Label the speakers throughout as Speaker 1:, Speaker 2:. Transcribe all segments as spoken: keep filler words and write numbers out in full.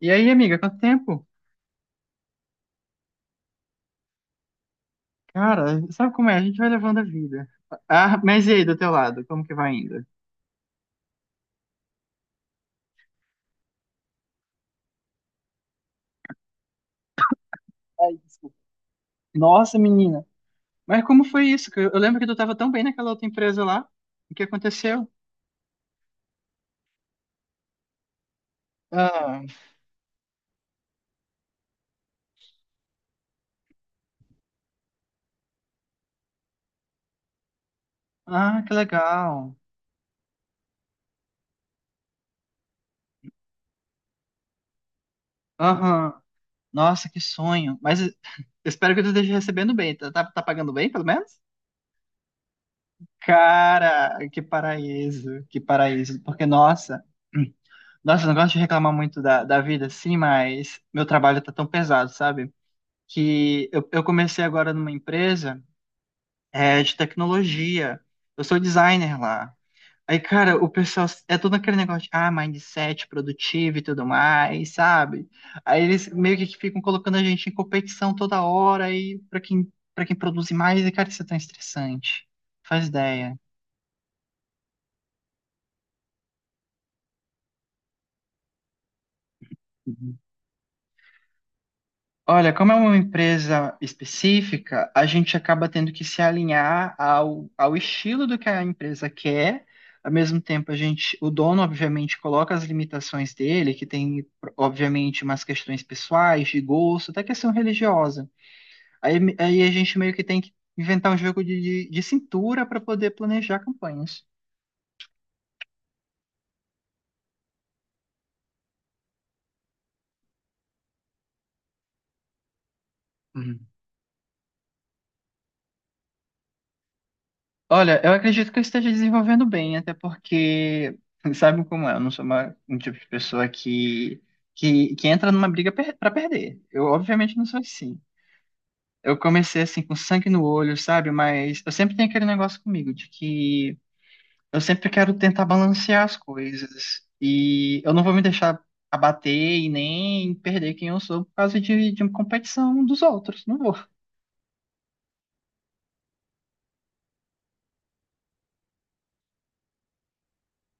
Speaker 1: E aí, amiga, quanto tempo? Cara, sabe como é? A gente vai levando a vida. Ah, mas e aí, do teu lado, como que vai ainda? Ai, desculpa. Nossa, menina. Mas como foi isso? Que Eu eu lembro que tu tava tão bem naquela outra empresa lá. O que aconteceu? Ah, ah, que legal. Aham. Nossa, que sonho. Mas eu espero que tu esteja recebendo bem. Tá, tá, tá pagando bem, pelo menos? Cara, que paraíso, que paraíso. Porque, nossa, nossa, eu não gosto de reclamar muito da, da vida, sim, mas meu trabalho tá tão pesado, sabe? Que eu, eu comecei agora numa empresa é, de tecnologia. Eu sou designer lá. Aí, cara, o pessoal é todo aquele negócio de ah, mindset produtivo e tudo mais, sabe? Aí eles meio que ficam colocando a gente em competição toda hora aí para quem para quem produz mais, e cara, isso é tão estressante. Faz ideia. Olha, como é uma empresa específica, a gente acaba tendo que se alinhar ao, ao estilo do que a empresa quer. Ao mesmo tempo, a gente, o dono, obviamente, coloca as limitações dele, que tem, obviamente, umas questões pessoais, de gosto, até questão religiosa. Aí, aí a gente meio que tem que inventar um jogo de, de, de cintura para poder planejar campanhas. Olha, eu acredito que eu esteja desenvolvendo bem, até porque, sabe como é, eu não sou uma, um tipo de pessoa que, que, que entra numa briga per para perder. Eu, obviamente, não sou assim. Eu comecei, assim, com sangue no olho, sabe? Mas eu sempre tenho aquele negócio comigo de que eu sempre quero tentar balancear as coisas. E eu não vou me deixar abater e nem perder quem eu sou por causa de, de uma competição dos outros. Não vou.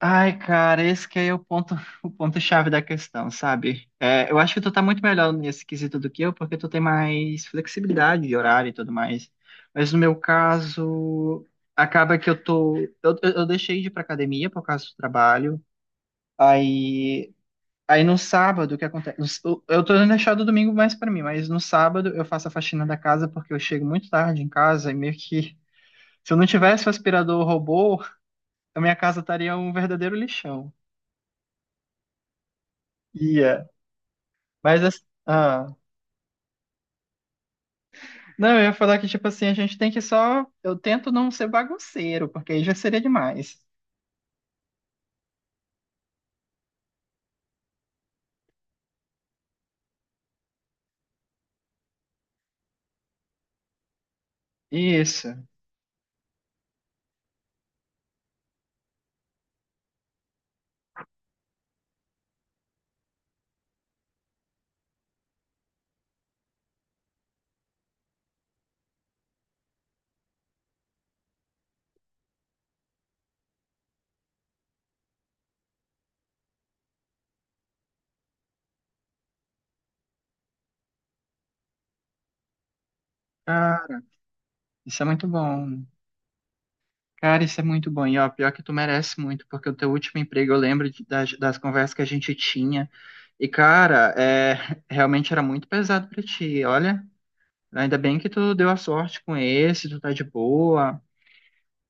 Speaker 1: Ai, cara, esse que é o ponto, o ponto-chave da questão, sabe? É, eu acho que tu tá muito melhor nesse quesito do que eu, porque tu tem mais flexibilidade de horário e tudo mais. Mas no meu caso, acaba que eu tô. Eu, eu eu deixei de ir pra academia por causa do trabalho. Aí, aí no sábado, o que acontece? Eu eu tô deixando o domingo mais pra mim, mas no sábado eu faço a faxina da casa porque eu chego muito tarde em casa e meio que. Se eu não tivesse o aspirador robô, a minha casa estaria um verdadeiro lixão. Ia. Mas, as- ah, não, eu ia falar que, tipo assim, a gente tem que só. Eu tento não ser bagunceiro, porque aí já seria demais. Isso. Cara, isso é muito bom. Cara, isso é muito bom. E, ó, pior que tu merece muito, porque o teu último emprego, eu lembro de- das, das conversas que a gente tinha. E, cara, é, realmente era muito pesado pra ti. Olha, ainda bem que tu deu a sorte com esse, tu tá de boa.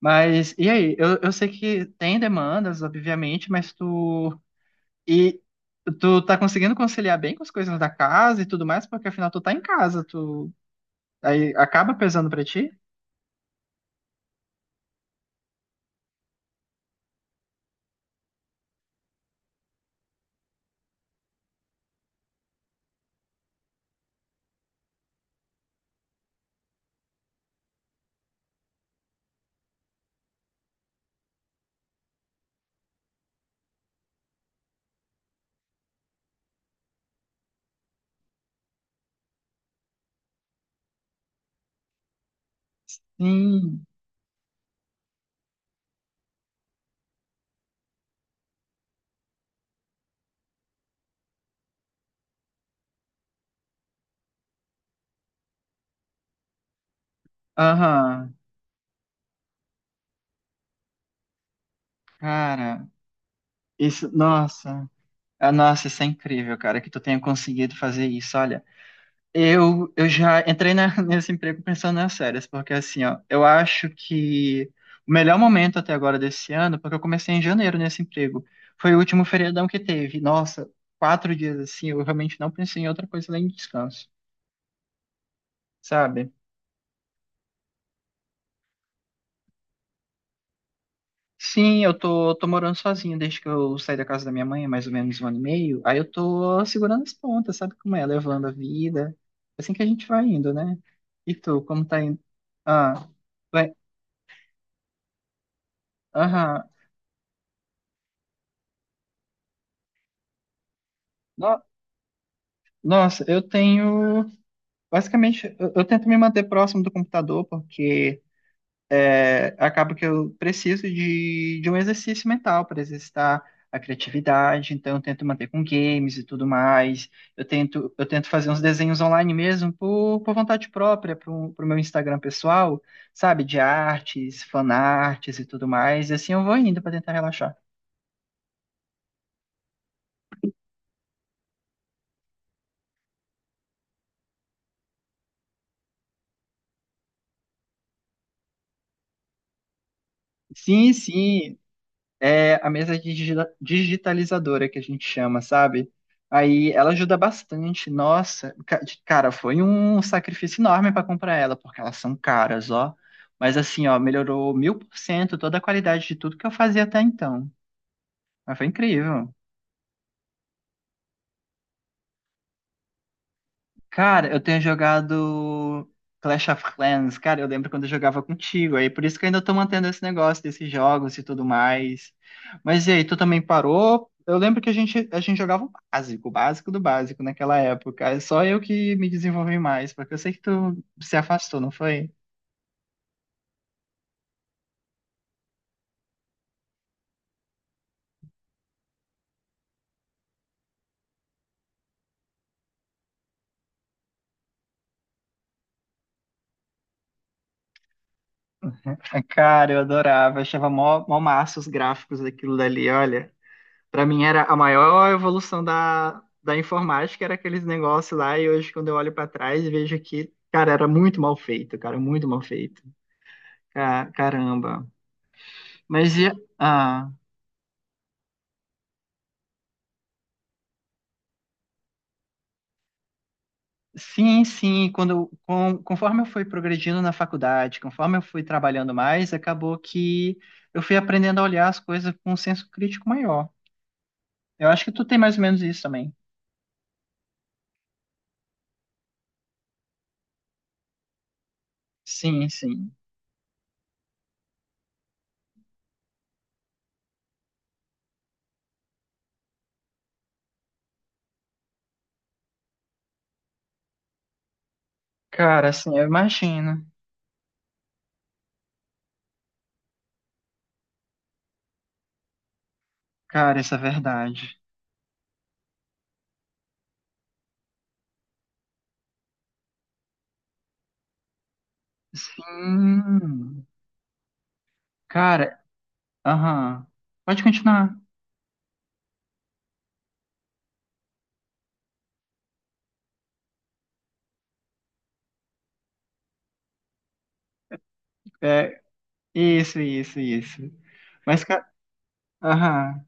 Speaker 1: Mas, e aí? Eu, eu sei que tem demandas, obviamente, mas tu. E tu tá conseguindo conciliar bem com as coisas da casa e tudo mais, porque afinal tu tá em casa, tu aí acaba pesando pra ti? Sim. Aham. Cara, isso, nossa. Ah, nossa, isso é incrível, cara, que tu tenha conseguido fazer isso. Olha, eu eu já entrei na- nesse emprego pensando nas séries, porque assim, ó, eu acho que o melhor momento até agora desse ano, porque eu comecei em janeiro nesse emprego, foi o último feriadão que teve. Nossa, quatro dias assim, eu realmente não pensei em outra coisa além de descanso. Sabe? Sim, eu tô, tô morando sozinho desde que eu saí da casa da minha mãe, há mais ou menos um ano e meio. Aí eu tô segurando as pontas, sabe como é? Levando a vida. É assim que a gente vai indo, né? E tu, como tá indo? Ah, vai. Aham. No- Nossa, eu tenho. Basicamente, eu, eu tento me manter próximo do computador, porque. É, acaba que eu preciso de, de um exercício mental para exercitar a criatividade, então eu tento manter com games e tudo mais. Eu tento, eu tento fazer uns desenhos online mesmo por, por vontade própria, para o meu Instagram pessoal, sabe? De artes, fanarts e tudo mais. E assim eu vou indo para tentar relaxar. Sim, sim. É a mesa digi- digitalizadora que a gente chama, sabe? Aí ela ajuda bastante. Nossa, ca- cara, foi um sacrifício enorme para comprar ela, porque elas são caras, ó. Mas assim, ó, melhorou mil por cento toda a qualidade de tudo que eu fazia até então. Mas foi incrível. Cara, eu tenho jogado Clash of Clans, cara, eu lembro quando eu jogava contigo, aí por isso que eu ainda tô mantendo esse negócio desses jogos e tudo mais. Mas e aí, tu também parou? Eu lembro que a gente, a gente jogava o básico, o básico do básico naquela época. É só eu que me desenvolvi mais, porque eu sei que tu se afastou, não foi? Cara, eu adorava, achava mó, mó massa os gráficos daquilo dali, olha. Para mim era a maior evolução da, da informática, era aqueles negócios lá, e hoje quando eu olho para trás, vejo que, cara, era muito mal feito, cara, muito mal feito. Ca- Caramba. Mas e, ah, sim, sim, quando, eu- com- conforme eu fui progredindo na faculdade, conforme eu fui trabalhando mais, acabou que eu fui aprendendo a olhar as coisas com um senso crítico maior. Eu acho que tu tem mais ou menos isso também. Sim, sim. Cara, assim, eu imagino. Cara, isso é verdade. Sim. Cara, aham. Pode continuar. É, isso, isso, isso. Mas, cara, aham.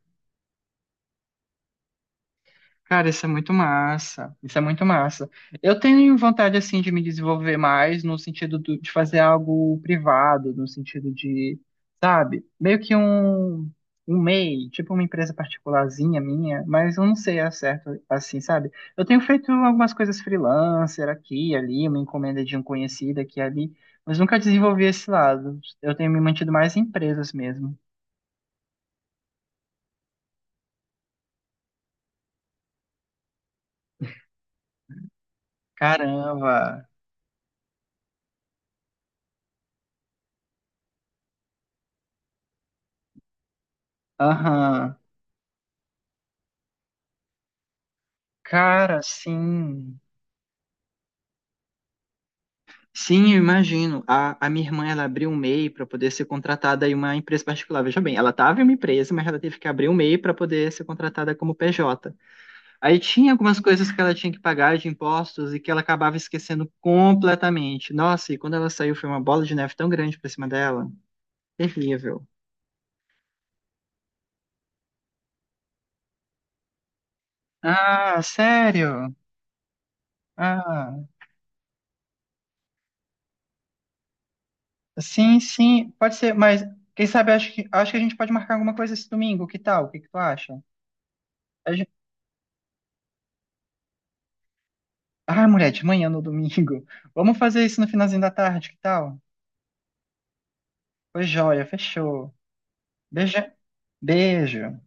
Speaker 1: Cara, isso é muito massa. Isso é muito massa. Eu tenho vontade, assim, de me desenvolver mais no sentido do- de fazer algo privado, no sentido de, sabe, meio que um, um, MEI, tipo uma empresa particularzinha minha, mas eu não sei a certo, assim, sabe? Eu tenho feito algumas coisas freelancer aqui e ali, uma encomenda de um conhecido aqui e ali, mas nunca desenvolvi esse lado. Eu tenho me mantido mais em empresas mesmo. Caramba! Aham. Cara, sim. Sim, eu imagino. A, a minha irmã, ela abriu um MEI para poder ser contratada em uma empresa particular. Veja bem, ela estava em uma empresa, mas ela teve que abrir um MEI para poder ser contratada como P J. Aí tinha algumas coisas que ela tinha que pagar de impostos e que ela acabava esquecendo completamente. Nossa, e quando ela saiu foi uma bola de neve tão grande para cima dela. Terrível. Ah, sério? Ah, sim, sim, pode ser, mas quem sabe acho que acho que a gente pode marcar alguma coisa esse domingo, que tal? O que que tu acha? Ah, mulher, de manhã no domingo. Vamos fazer isso no finalzinho da tarde, que tal? Foi joia, fechou. Beijo. Beijo.